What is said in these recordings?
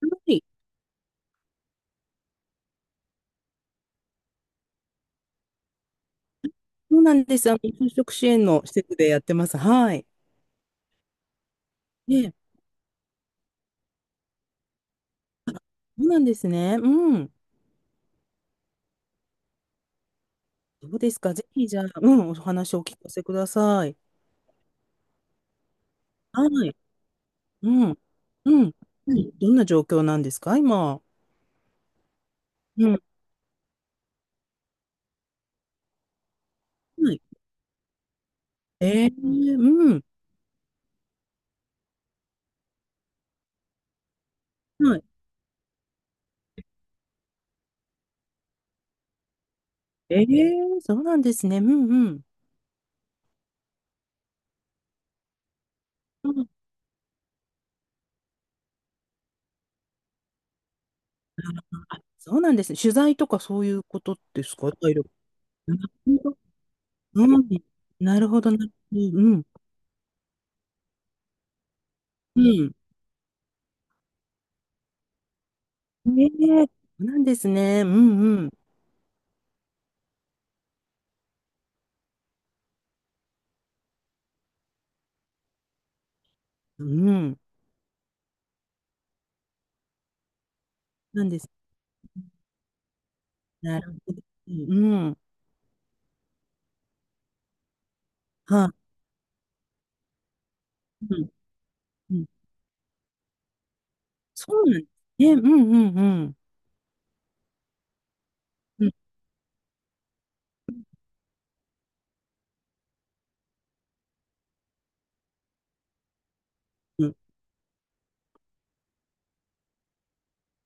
はい。そうなんです。あの、就職支援の施設でやってます。はい。ねえ、そうなんですね。うん。どうですか。ぜひ、じゃあ、うん、お話をお聞かせください。はい。うん。うん。はい、どんな状況なんですか、今。うん。はい。うん。はい。えそうなんですね。うんうん。うん。あ、そうなんですね。取材とかそういうことですか、体力。なるほど。うん。なるほど、なるほど。うん。うん。ええ、そうなんですね。うんうん。うん。なんです。なるほど。うん。はい。うん。うん。そうなんですね。うんうんうん。うんうん。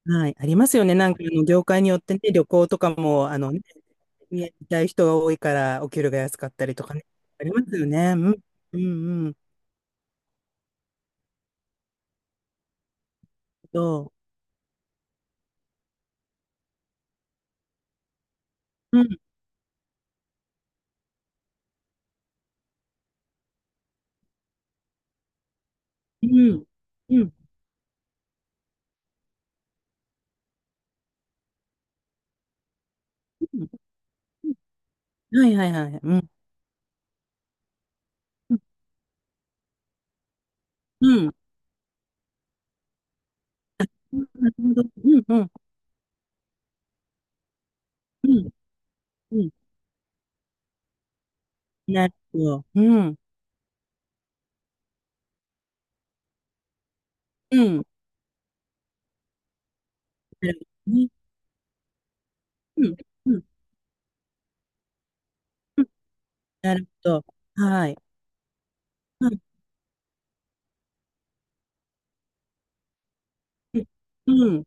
はい。ありますよね。なんか、あの、業界によってね、旅行とかも、あのね、見たい人が多いから、お給料が安かったりとかね。ありますよね。うん。うんうん。そう。うん。うん。うん。うん、はいはいはい。うん。うん。うん、なるほど。うんうんうん。うん。なるほど。うん。うん。なるほどね。うん。うん。なるほど。はい。うん。うん。し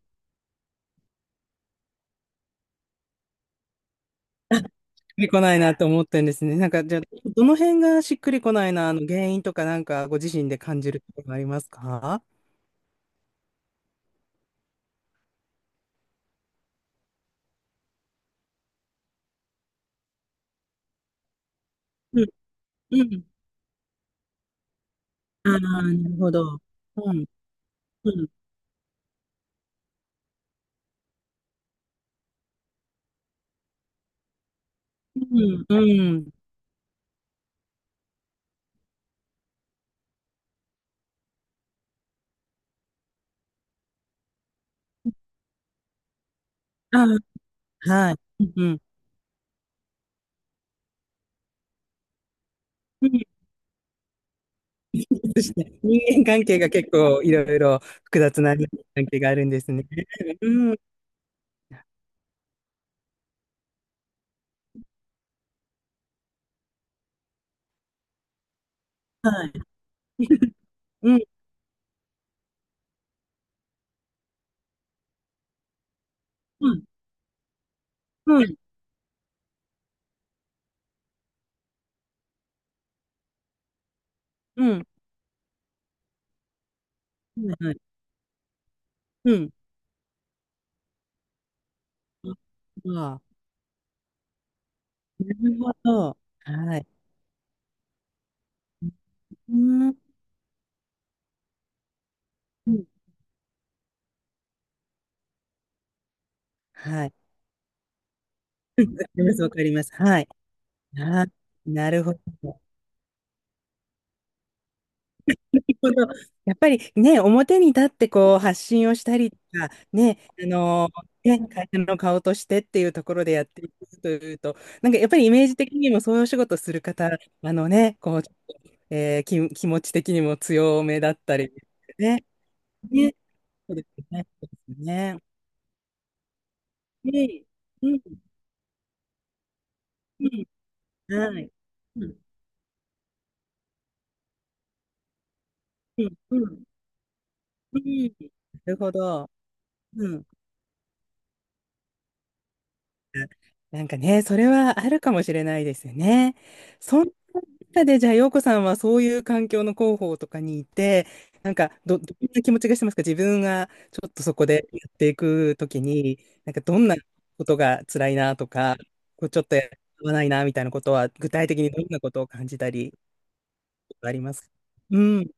っくりこないなと思ってんですね。なんか、じゃあ、どの辺がしっくりこないな、あの原因とか、なんか、ご自身で感じることがありますか？うん、うん。ああ、なるほど。うん、うん、うん、うん。ああ、はい。うん、うん。うん、そして、人間関係が結構いろいろ複雑な人間関係があるんですね。うん、はい。うん、うん、うん、うん、はい。うん。ああ、なるほど。はい。うーん。はい。わかります、わかります。はい。あー、なるほど。このやっぱりね、表に立ってこう発信をしたりとか、ね、あのね、会社の顔としてっていうところでやっていくというと、なんかやっぱりイメージ的にもそういうお仕事する方、あのね、こう、ちょっと気持ち的にも強めだったり、ね、ね、そうですね、そうですね。ね、うん、うん、はい。うん、うん、うん、うん、なるほど。うん。なんかね、それはあるかもしれないですよね。そんな中で、じゃあ、陽子さんはそういう環境の広報とかにいて、なんかどんな気持ちがしてますか、自分がちょっとそこでやっていくときに、なんかどんなことが辛いなとか、こうちょっとやわないなみたいなことは、具体的にどんなことを感じたりありますか？うん。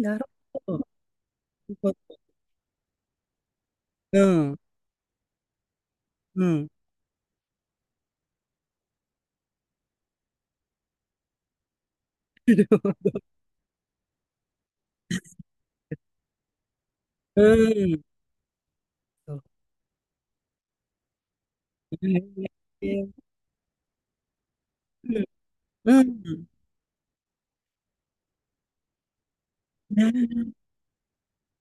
なるほど。うん。うん。なるほど、うん。そうね、うん。うん。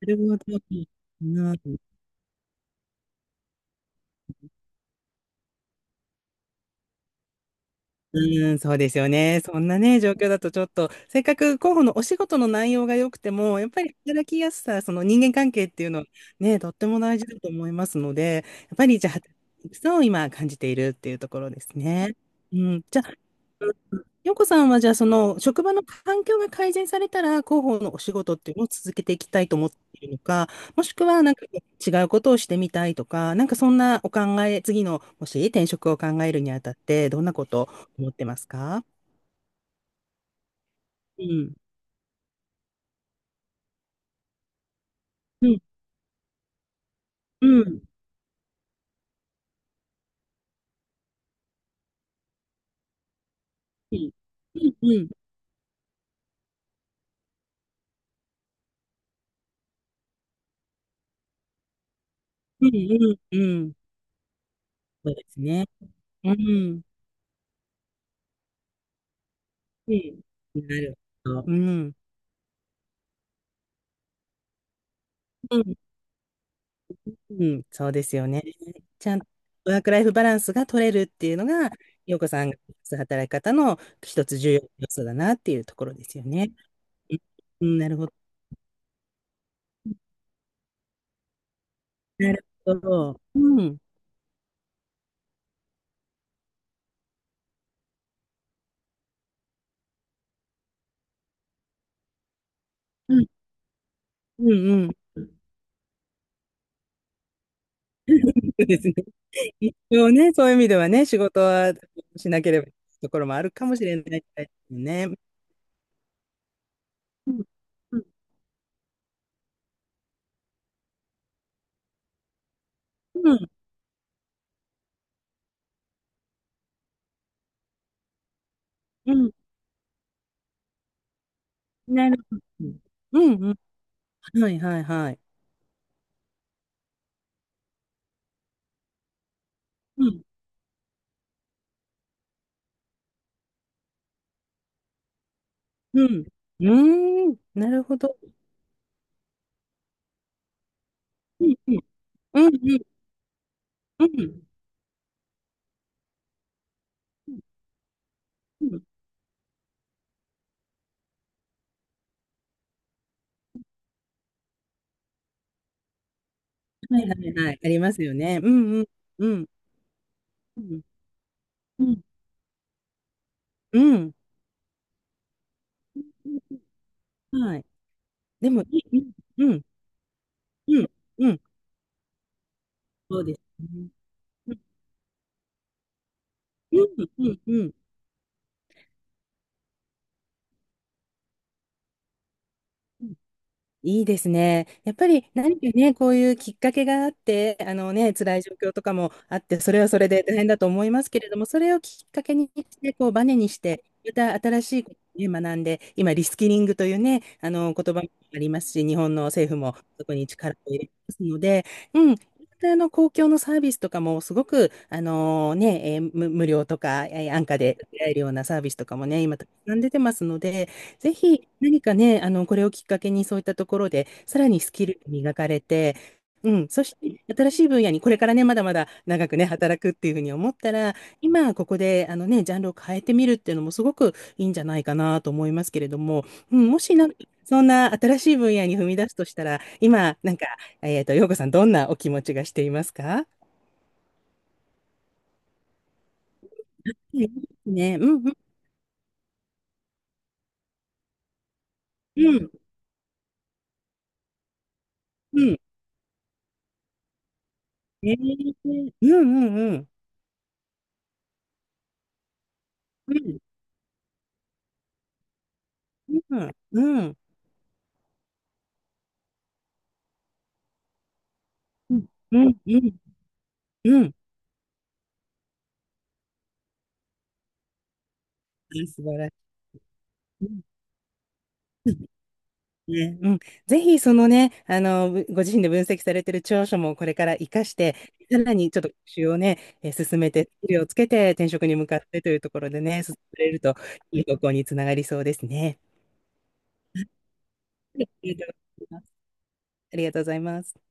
なるほど。うん、うん、そうですよね。そんなね、状況だとちょっと、せっかく候補のお仕事の内容が良くても、やっぱり働きやすさ、その人間関係っていうのはね、とっても大事だと思いますので、やっぱりじゃあ、働きやすさを今感じているっていうところですね。うん、じゃあ、洋子さんはじゃあその職場の環境が改善されたら広報のお仕事っていうのを続けていきたいと思っているのか、もしくはなんか違うことをしてみたいとか、なんかそんなお考え、次のもし転職を考えるにあたってどんなことを思ってますか？うん。うん。うん。うん。うん。うん。うん。うん。うん、そうですね。うん。うん。なるほど。うん。うん、そうですよね。ちゃんとワークライフバランスが取れるっていうのが、陽子さんが働き方の一つ重要な要素だなっていうところですよね。うん、なるほど。なるほど。うん、うん、うん、うん。そうですね。一応ね、そういう意味ではね、仕事はしなければいけないところもあるかもしれないですね。うん、うん、うん、うん、なるほど。うん、うん、はい、はい、はい。うん、うん、うーん、なるほど。うんうんうん。うん。はいはいはい。ありますよね。うんうんうんうんうんうん。はい。でもいい、うんうんうんうん。そうですね。うんうんうんうん。いいですね。やっぱり何かね、こういうきっかけがあって、あのね、辛い状況とかもあって、それはそれで大変だと思いますけれども、それをきっかけにして、こうバネにして、また新しいことをね、学んで、今、リスキリングというね、あの言葉もありますし、日本の政府もそこに力を入れてますので、うん。またあの公共のサービスとかもすごく、あのね、無料とか、安価で受けられるようなサービスとかもね、今たくさん出てますので、ぜひ何かね、あの、これをきっかけにそういったところで、さらにスキルが磨かれて、うん、そして新しい分野にこれからね、まだまだ長くね、働くっていうふうに思ったら、今ここであのね、ジャンルを変えてみるっていうのもすごくいいんじゃないかなと思いますけれども、うん、もしなんか、そんな新しい分野に踏み出すとしたら、今、なんか、陽子さん、どんなお気持ちがしていますか？ね、うん、いいですね、うん、うん、うん、うん、うん、うん、うん、うん、うん。うんうん、うん、うん、うん。あ、素晴らしい。うん、ね、うん、ぜひそのね、あの、ご自身で分析されてる長所もこれから活かして、さらにちょっと復習をね、進めて、スキルをつけて転職に向かってというところでね、進めれるといい方向につながりそうですね。はい、ありがとうございます。ありがとうございます。